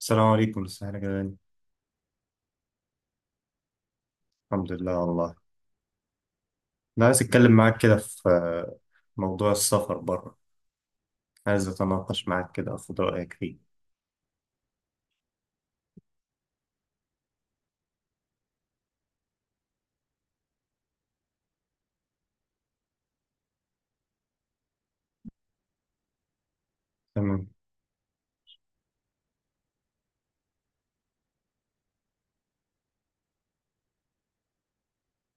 السلام عليكم، ازيك يا جدعان؟ الحمد لله والله. انا عايز اتكلم معاك كده في موضوع السفر بره. عايز اتناقش معاك كده اخد رايك فيه. تمام.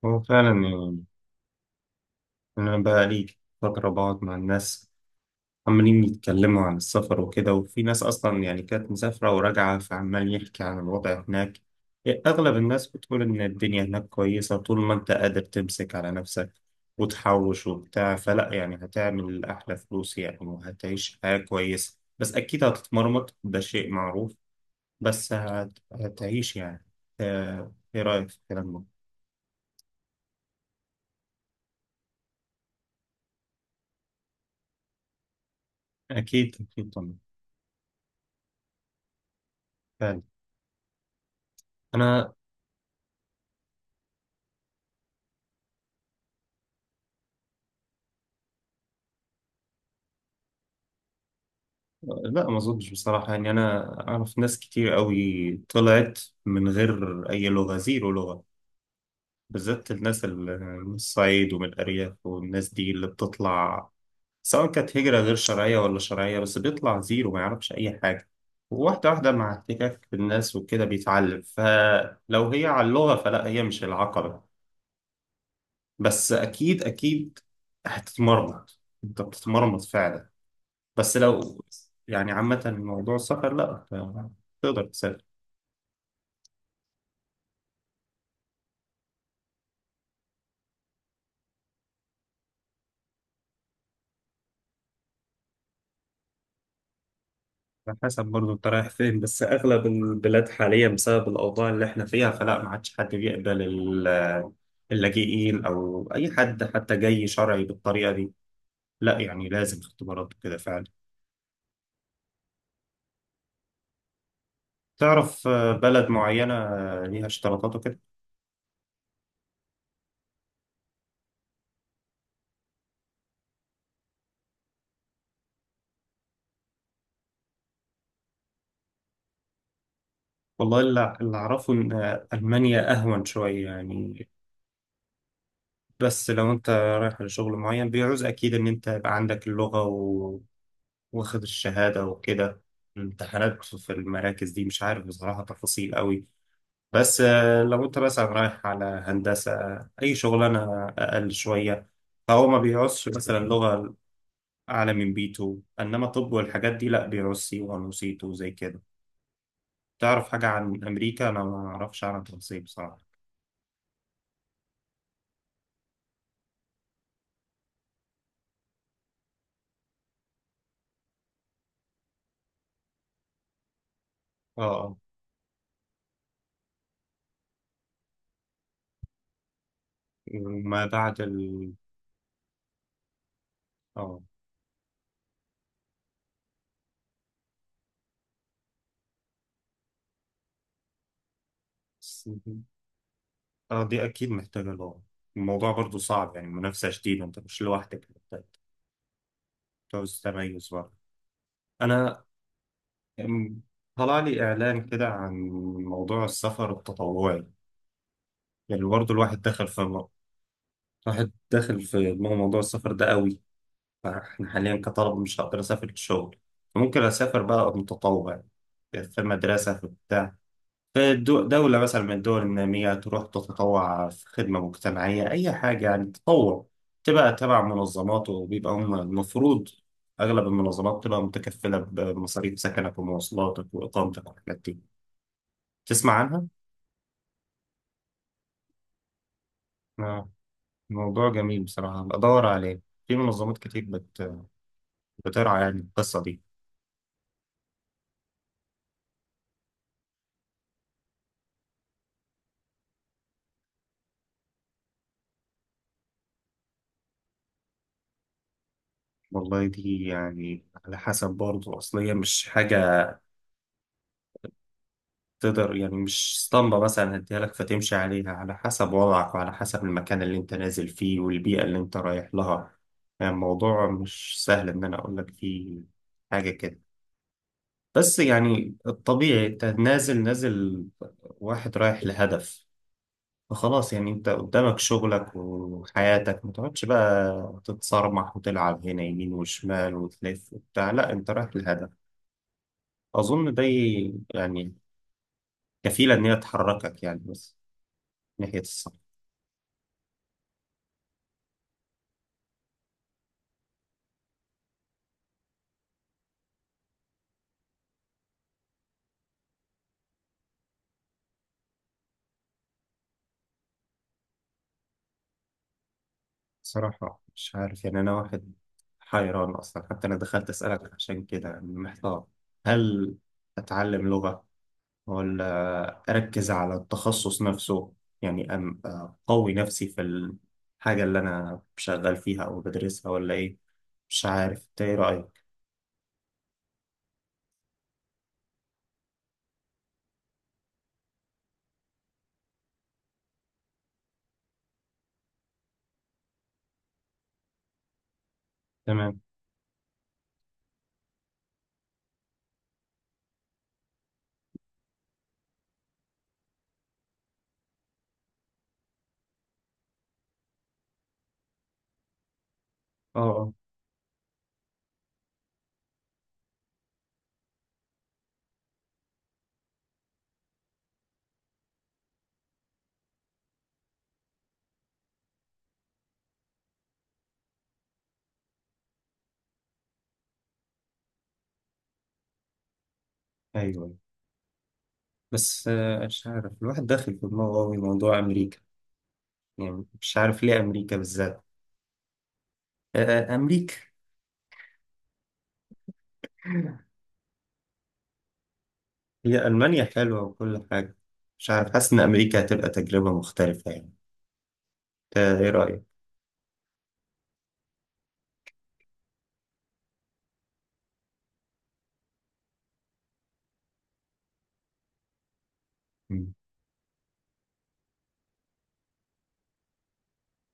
هو فعلا يعني إن انا بقى لي فتره بقعد مع الناس عمالين يتكلموا عن السفر وكده، وفي ناس أصلا يعني كانت مسافرة وراجعة فعمال يحكي عن الوضع هناك. أغلب الناس بتقول إن الدنيا هناك كويسة طول ما أنت قادر تمسك على نفسك وتحوش وبتاع، فلا يعني هتعمل أحلى فلوس يعني وهتعيش حياة كويسة، بس أكيد هتتمرمط، ده شيء معروف. بس هتعيش يعني. إيه رأيك في الكلام ده؟ أكيد أكيد طبعا. فعلا. أنا، لا ما اظنش بصراحة. يعني انا اعرف ناس كتير قوي طلعت من غير اي لغة، زيرو لغة، بالذات الناس اللي من الصعيد ومن الارياف، والناس دي اللي بتطلع سواء كانت هجرة غير شرعية ولا شرعية بس بيطلع زيرو ما يعرفش اي حاجة. وواحدة واحدة مع احتكاك بالناس وكده بيتعلم، فلو هي على اللغة فلا، هي مش العقبة. بس اكيد اكيد هتتمرمط، انت بتتمرمط فعلا، بس لو يعني عامة موضوع السفر لا، تقدر تسافر. على حسب برضه انت رايح فين، بس اغلب البلاد حاليا بسبب الاوضاع اللي احنا فيها فلا، ما عادش حد بيقبل اللاجئين او اي حد حتى جاي شرعي بالطريقة دي، لا يعني لازم اختبارات وكده فعلا. تعرف بلد معينة ليها اشتراطات وكده. والله اللي اعرفه ان المانيا اهون شوية يعني، بس لو انت رايح لشغل معين بيعوز اكيد ان انت يبقى عندك اللغة، واخد الشهادة وكده. الامتحانات في المراكز دي مش عارف بصراحة تفاصيل قوي، بس لو انت مثلا رايح على هندسة، أي شغلانة أقل شوية، فهو ما بيعوزش مثلا لغة أعلى من بي B2، إنما طب والحاجات دي لأ بيعوز سي C1 وسي C2 زي كده. تعرف حاجة عن أمريكا؟ أنا ما أعرفش عنها تفاصيل بصراحة. اه اه. وما بعد ال. اه اه. دي أكيد محتاجة لغة، الموضوع برضو صعب يعني منافسة شديدة، أنت مش لوحدك، جواز تميز بقى. أنا، أم، طلع لي إعلان كده عن موضوع السفر التطوعي. يعني برضه الواحد دخل في الواحد داخل في موضوع السفر ده قوي. فإحنا حاليا كطلبة مش هقدر أسافر للشغل، فممكن أسافر بقى متطوع، يعني في المدرسة في بتاع. دولة مثلا من الدول النامية تروح تتطوع في خدمة مجتمعية، أي حاجة يعني تطوع. تبقى تبع منظمات وبيبقى هم المفروض، أغلب المنظمات تبقى متكفلة بمصاريف سكنك ومواصلاتك وإقامتك والحاجات دي. تسمع عنها؟ آه، موضوع جميل بصراحة، بدور عليه. في منظمات كتير بت... بترعى يعني القصة دي. والله دي يعني على حسب برضه أصلية، مش حاجة تقدر يعني، مش اسطمبة مثلا هديها لك فتمشي عليها، على حسب وضعك وعلى حسب المكان اللي انت نازل فيه والبيئة اللي انت رايح لها. يعني الموضوع مش سهل ان انا اقول لك فيه حاجة كده، بس يعني الطبيعي انت نازل نازل واحد رايح لهدف، فخلاص يعني انت قدامك شغلك وحياتك، ما تقعدش بقى تتصرمح وتلعب هنا يمين وشمال وتلف وبتاع، لا انت رايح لهدف. اظن ده يعني كفيلة ان هي تحركك يعني بس ناحية الصح. صراحة مش عارف يعني، أنا واحد حيران أصلا، حتى أنا دخلت أسألك عشان كده يعني محتار. هل أتعلم لغة ولا أركز على التخصص نفسه، يعني أقوي نفسي في الحاجة اللي أنا شغال فيها أو بدرسها، ولا إيه؟ مش عارف أنت إيه رأيك. تمام. أه أه. أيوه. بس مش عارف الواحد داخل في دماغه أوي موضوع أمريكا، يعني مش عارف ليه أمريكا بالذات. آه، أمريكا. هي ألمانيا حلوة وكل حاجة، مش عارف حاسس إن أمريكا هتبقى تجربة مختلفة يعني. إنت إيه رأيك؟ مم.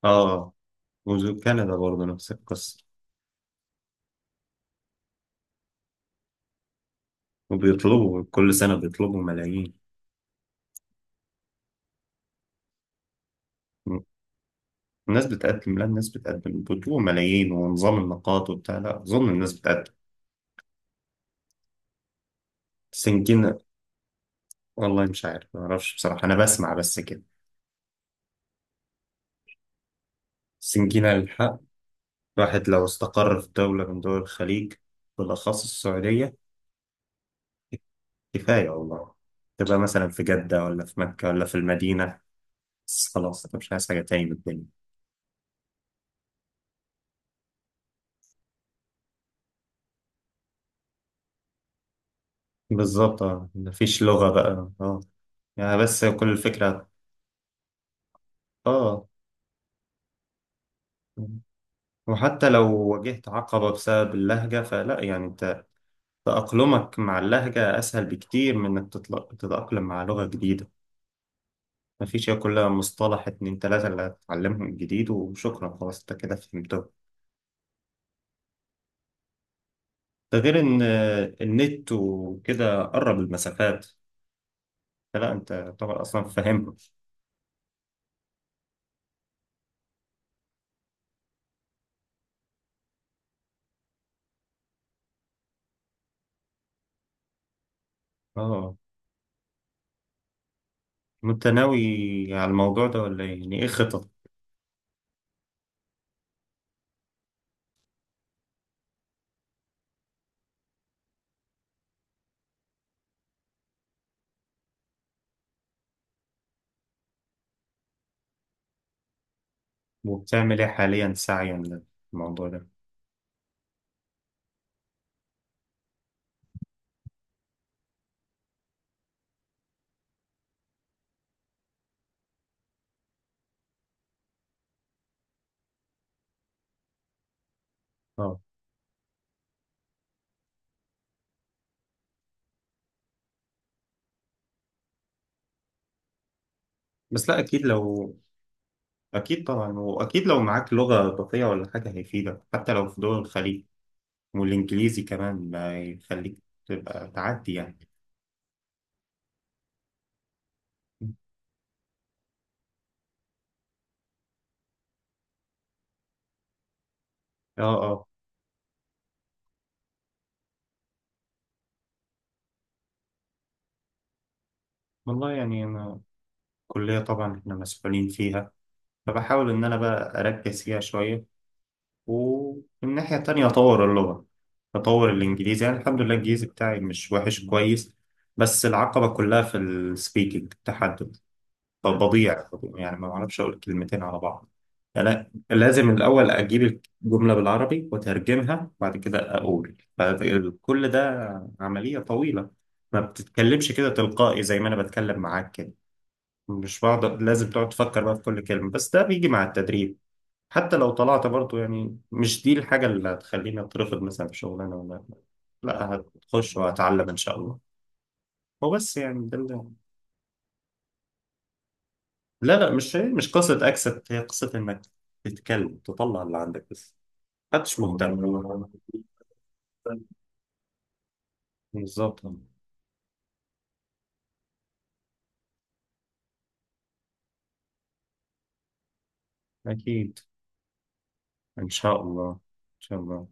آه. وكندا برضه نفس القصة، وبيطلبوا كل سنة بيطلبوا ملايين. مم. الناس بتقدم، لا الناس بتقدم، بيطلبوا ملايين ونظام النقاط وبتاع، لا أظن الناس بتقدم. سنجينا. والله مش عارف، ما أعرفش بصراحة أنا بسمع بس كده. سنجينا الحق. الواحد لو استقر في دولة من دول الخليج بالأخص السعودية، كفاية والله. تبقى مثلا في جدة ولا في مكة ولا في المدينة، بس خلاص أنا مش عايز حاجة تاني من الدنيا. بالظبط اه، مفيش لغة بقى اه، يعني بس كل الفكرة. اه. وحتى لو واجهت عقبة بسبب اللهجة فلا يعني انت تأقلمك مع اللهجة أسهل بكتير من إنك تتأقلم مع لغة جديدة. مفيش، هي كلها مصطلح اتنين تلاتة اللي هتتعلمهم جديد وشكرا، خلاص انت كده فهمتهم. ده غير إن النت وكده قرب المسافات، لا انت طبعا اصلا فاهمها. اه. انت ناوي على الموضوع ده ولا إيه؟ يعني ايه خطط وبتعمل ايه حاليا سعيا للموضوع ده؟ اه. بس لا اكيد لو، اكيد طبعا، واكيد لو معاك لغة اضافية ولا حاجة هيفيدك حتى لو في دول الخليج، والانجليزي كمان ما يخليك تبقى تعدي يعني. اه اه. والله يعني انا الكلية طبعا احنا مسؤولين فيها، فبحاول ان انا بقى اركز فيها شوية، ومن الناحية التانية أطور اللغة، أطور الإنجليزي. يعني الحمد لله الإنجليزي بتاعي مش وحش، كويس. بس العقبة كلها في السبيكنج، التحدث. طب بضيع بضيع، يعني ما بعرفش أقول كلمتين على بعض. يعني أنا لازم الأول أجيب الجملة بالعربي وأترجمها وبعد كده أقول كل ده عملية طويلة، ما بتتكلمش كده تلقائي زي ما أنا بتكلم معاك كده. مش بقعد، لازم تقعد تفكر بقى في كل كلمة، بس ده بيجي مع التدريب. حتى لو طلعت برضو يعني مش دي الحاجة اللي هتخليني أترفض مثلا في شغلانة، ولا، لا هتخش وهتعلم إن شاء الله. هو بس يعني ده اللي. لا لا مش قصة أكسبت، هي قصة إنك تتكلم، تطلع اللي عندك بس، محدش مهتم. بالظبط. أكيد. إن شاء الله إن شاء الله.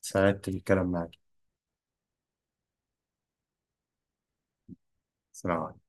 سعدت بالكلام معك. سلام عليكم.